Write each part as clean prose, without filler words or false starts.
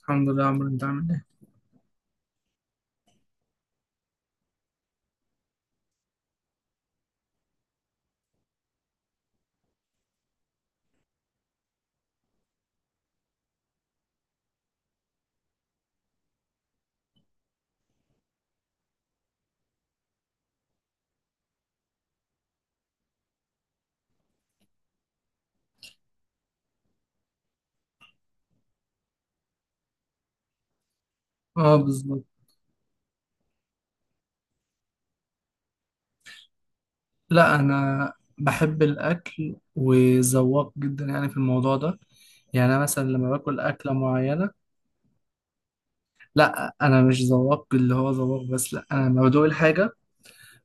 الحمد لله يا عمرو، انت عامل ايه؟ اه، بالظبط. لا، انا بحب الاكل وذواق جدا يعني في الموضوع ده. يعني انا مثلا لما باكل اكله معينه، لا، انا مش ذواق اللي هو ذواق، بس لا، انا لما بدوق الحاجه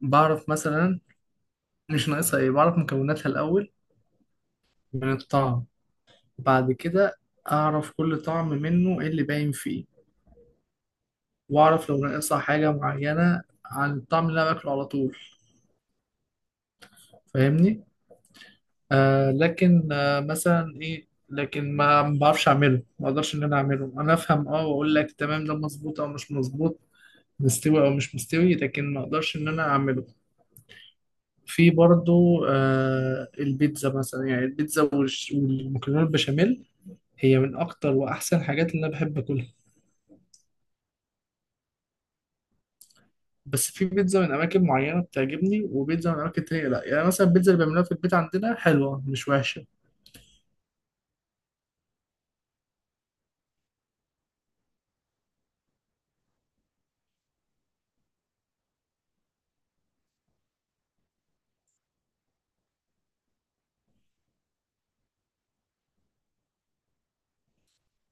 بعرف مثلا. مش ناقصها ايه، بعرف مكوناتها الاول من الطعم. بعد كده اعرف كل طعم منه ايه اللي باين فيه، واعرف لو ناقصها حاجه معينه عن الطعم اللي انا باكله على طول. فاهمني؟ لكن مثلا ايه، لكن ما بعرفش اعمله، ما اقدرش ان انا اعمله. انا افهم اه، واقول لك تمام، ده مظبوط او مش مظبوط، مستوي او مش مستوي، لكن ما اقدرش ان انا اعمله. في برضو البيتزا مثلا. يعني البيتزا والمكرونه البشاميل هي من اكتر واحسن حاجات اللي انا بحب اكلها. بس في بيتزا من اماكن معينه بتعجبني، وبيتزا من اماكن تانية لا. يعني مثلا البيتزا اللي بيعملوها في البيت عندنا حلوه، مش وحشه.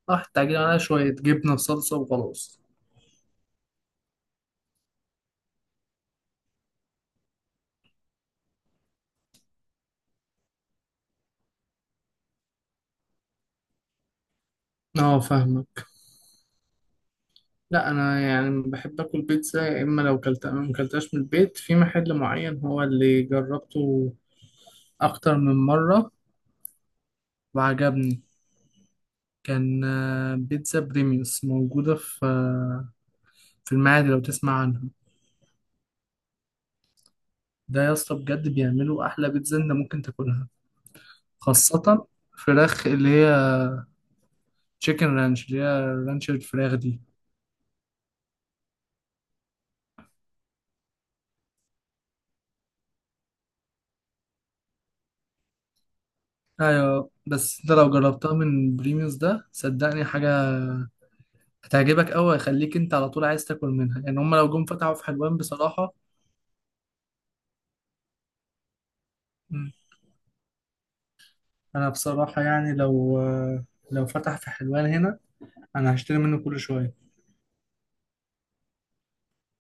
اه، تعجبني عليها شويه جبنه وصلصه وخلاص. اه، فاهمه. لا، انا يعني بحب اكل بيتزا. يا اما لو كلت ما كلتهاش من البيت، في محل معين هو اللي جربته اكتر من مره، وعجبني. كان بيتزا بريميوس موجوده في في المعادي، لو تسمع عنها. ده يا اسطى، بجد بيعملوا احلى بيتزا انت ممكن تاكلها، خاصه فراخ اللي هي تشيكن رانش، اللي هي رانش الفراخ دي. ايوه، بس انت لو جربتها من بريميوس ده صدقني حاجه هتعجبك قوي، هيخليك انت على طول عايز تاكل منها. يعني هم لو جم فتحوا في حلوان بصراحة. مم. انا بصراحة يعني لو فتح في حلوان هنا، انا هشتري منه كل شوية.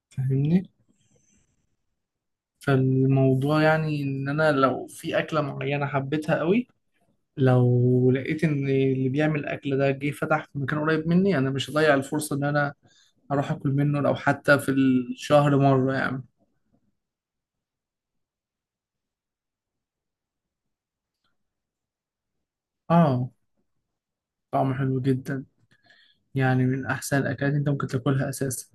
فاهمني؟ فالموضوع يعني ان انا لو في اكلة معينة حبيتها قوي، لو لقيت ان اللي بيعمل الاكل ده جه فتح في مكان قريب مني، انا مش هضيع الفرصة ان انا اروح اكل منه لو حتى في الشهر مرة يعني. اه، طعمه حلو جدا. يعني من احسن الاكلات انت ممكن تاكلها اساسا.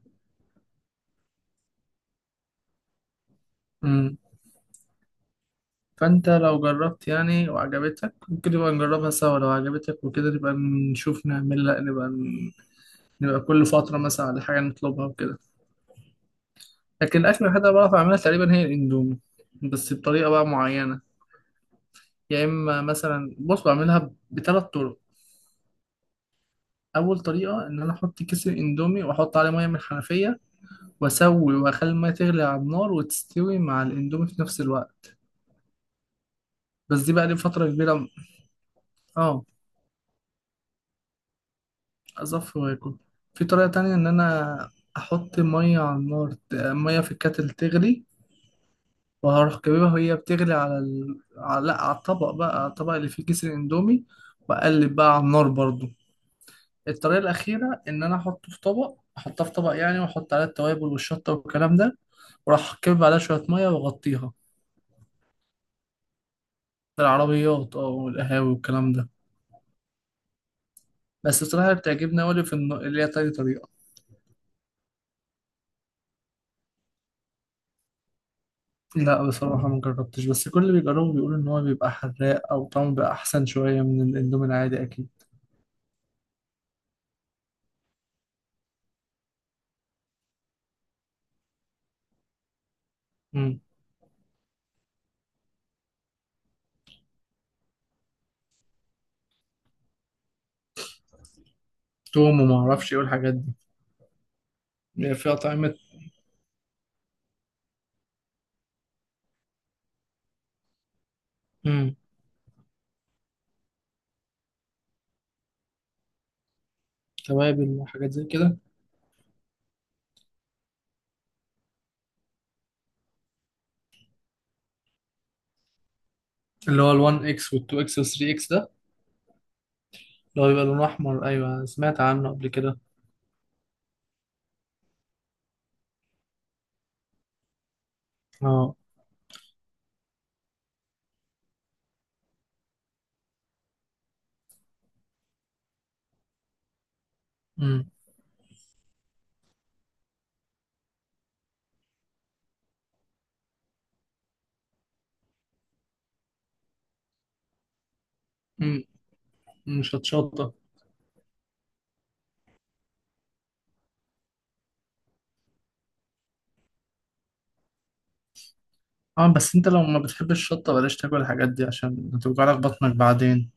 فانت لو جربت يعني وعجبتك، ممكن نبقى نجربها سوا، لو عجبتك وكده نبقى نشوف نعمل، لا نبقى كل فترة مثلا على حاجة نطلبها وكده. لكن الأكل الوحيد اللي بعرف أعملها تقريبا هي الإندومي، بس بطريقة بقى معينة. يا إما مثلا بص، بعملها بثلاث طرق. أول طريقة إن أنا أحط كيس الإندومي وأحط عليه مية من الحنفية وأسوي وأخلي المية تغلي على النار وتستوي مع الإندومي في نفس الوقت. بس دي بقى لي فترة كبيرة. اه، أصفي وآكل. في طريقة تانية إن أنا أحط مية على النار، مية في الكاتل تغلي، وهروح جايبها وهي بتغلي لأ، على الطبق بقى، على الطبق اللي فيه كيس الإندومي، وأقلب بقى على النار برضو. الطريقة الأخيرة إن أنا أحطه في طبق، أحطها في طبق يعني، وأحط عليها التوابل والشطة والكلام ده، وأروح كبب عليها شوية مية وأغطيها. العربيات أه والقهاوي والكلام ده. بس بصراحة بتعجبني أوي اللي في اللي هي تاني طريقة. لا بصراحة ما جربتش، بس كل اللي بيجربه بيقول إن هو بيبقى حراق أو طعمه بيبقى أحسن شوية من الإندومي العادي أكيد. مم. توم وما أعرفش إيه والحاجات دي. بيبقى فيها طعمة. مم. توابل وحاجات زي كده. اللي هو ال1 إكس وال2 إكس وال3 إكس ده، اللي هو بيبقى لونه أحمر. أيوه، سمعت عنه قبل كده. أه. مم. مم. مش هتشطة. أه، بس أنت لو ما بتحبش الشطة بلاش تاكل الحاجات دي عشان هتوجعلك بطنك بعدين.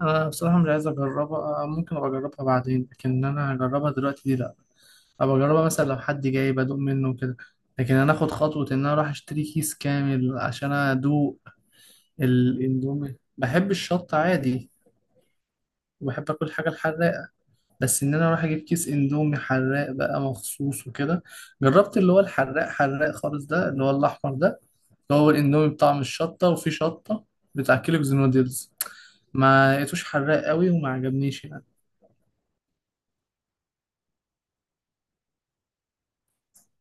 أنا بصراحة مش عايز أجربها، ممكن أبقى أجربها بعدين، لكن إن أنا أجربها دلوقتي دي لأ. ابقى اجربها مثلا لو حد جاي بدوق منه وكده، لكن انا اخد خطوه ان انا اروح اشتري كيس كامل عشان ادوق. الاندومي بحب الشطه عادي، وبحب اكل حاجه الحراقه، بس ان انا اروح اجيب كيس اندومي حراق بقى مخصوص وكده. جربت اللي هو الحراق حراق خالص ده، اللي هو الاحمر ده، اللي هو الاندومي بطعم الشطه وفي شطه، بتاع كيلوجز نودلز. ما لقيتوش حراق قوي وما عجبنيش يعني.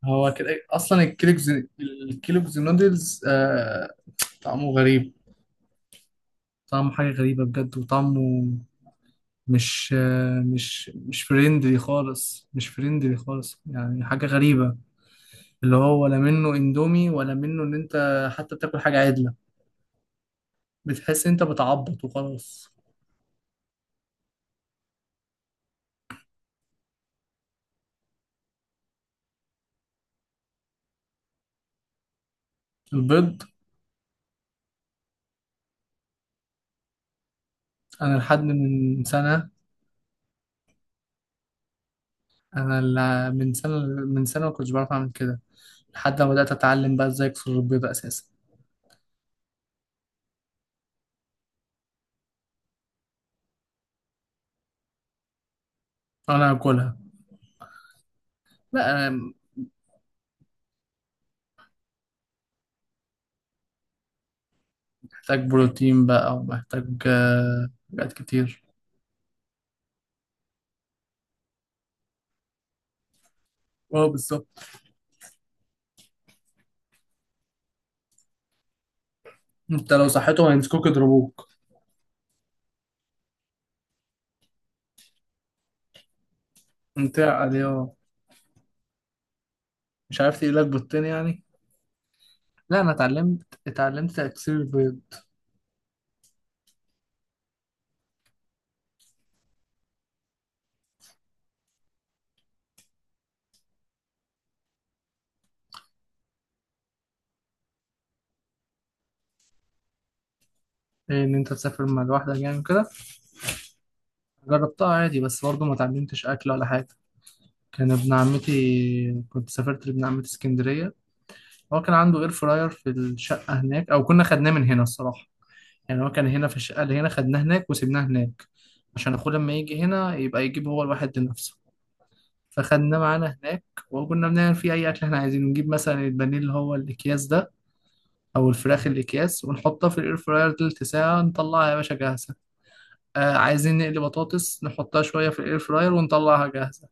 هو كده اصلا الكيلوجز نودلز. طعمه غريب. طعمه حاجة غريبة بجد، وطعمه مش مش فريندلي خالص، مش فريندلي خالص يعني، حاجة غريبة. اللي هو ولا منه اندومي ولا منه، ان انت حتى بتاكل حاجة عدلة، بتحس انت بتعبط وخلاص. البيض. انا لحد من سنة، انا من سنة ما كنتش بعرف اعمل كده، لحد ما بدأت اتعلم بقى ازاي اكسر البيض اساسا. انا اكلها. لا، انا محتاج بروتين بقى، ومحتاج حاجات كتير. اه بالظبط. انت لو صحيتهم هيمسكوك يضربوك. انت عليه اه. مش عارف تقيلك بالتاني يعني. لا، انا اتعلمت تكسير البيض. ان انت تسافر مع لوحدك يعني كده. جربتها عادي، بس برضه ما اتعلمتش اكل ولا حاجه. كان ابن عمتي، كنت سافرت لابن عمتي اسكندريه. هو كان عنده اير فراير في الشقه هناك، او كنا خدناه من هنا الصراحه. يعني هو كان هنا في الشقه اللي هنا، خدناه هناك وسيبناه هناك، عشان اخوه لما يجي هنا يبقى يجيب هو الواحد لنفسه. فخدناه معانا هناك. وكنا بنعمل فيه اي اكل احنا عايزينه. نجيب مثلا البانيه اللي هو الاكياس ده، او الفراخ الاكياس، ونحطها في الاير فراير تلت ساعه، نطلعها يا باشا جاهزه. عايزين نقلي بطاطس، نحطها شويه في الاير فراير ونطلعها جاهزه.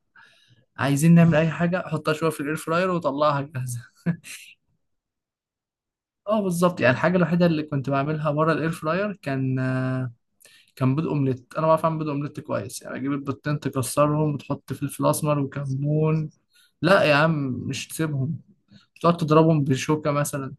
عايزين نعمل اي حاجه، حطها شويه في الاير فراير وطلعها جاهزه. اه بالظبط. يعني الحاجه الوحيده اللي كنت بعملها بره الاير فراير كان بيض اومليت. انا بعرف اعمل بيض اومليت كويس، يعني اجيب البيضتين تكسرهم وتحط فلفل اسمر وكمون. لا يا عم، مش تسيبهم. تقعد تضربهم بشوكه مثلا.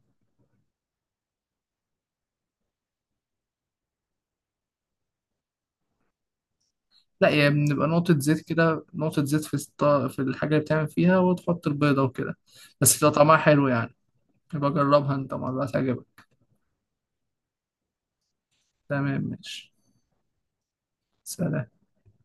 لا، يعني بنبقى نقطة زيت كده، نقطة زيت في الحاجة اللي بتعمل فيها، وتحط البيضة وكده. بس بتبقى طعمها حلو يعني. يبقى جربها انت مرة، هتعجبك. تمام ماشي. سلام.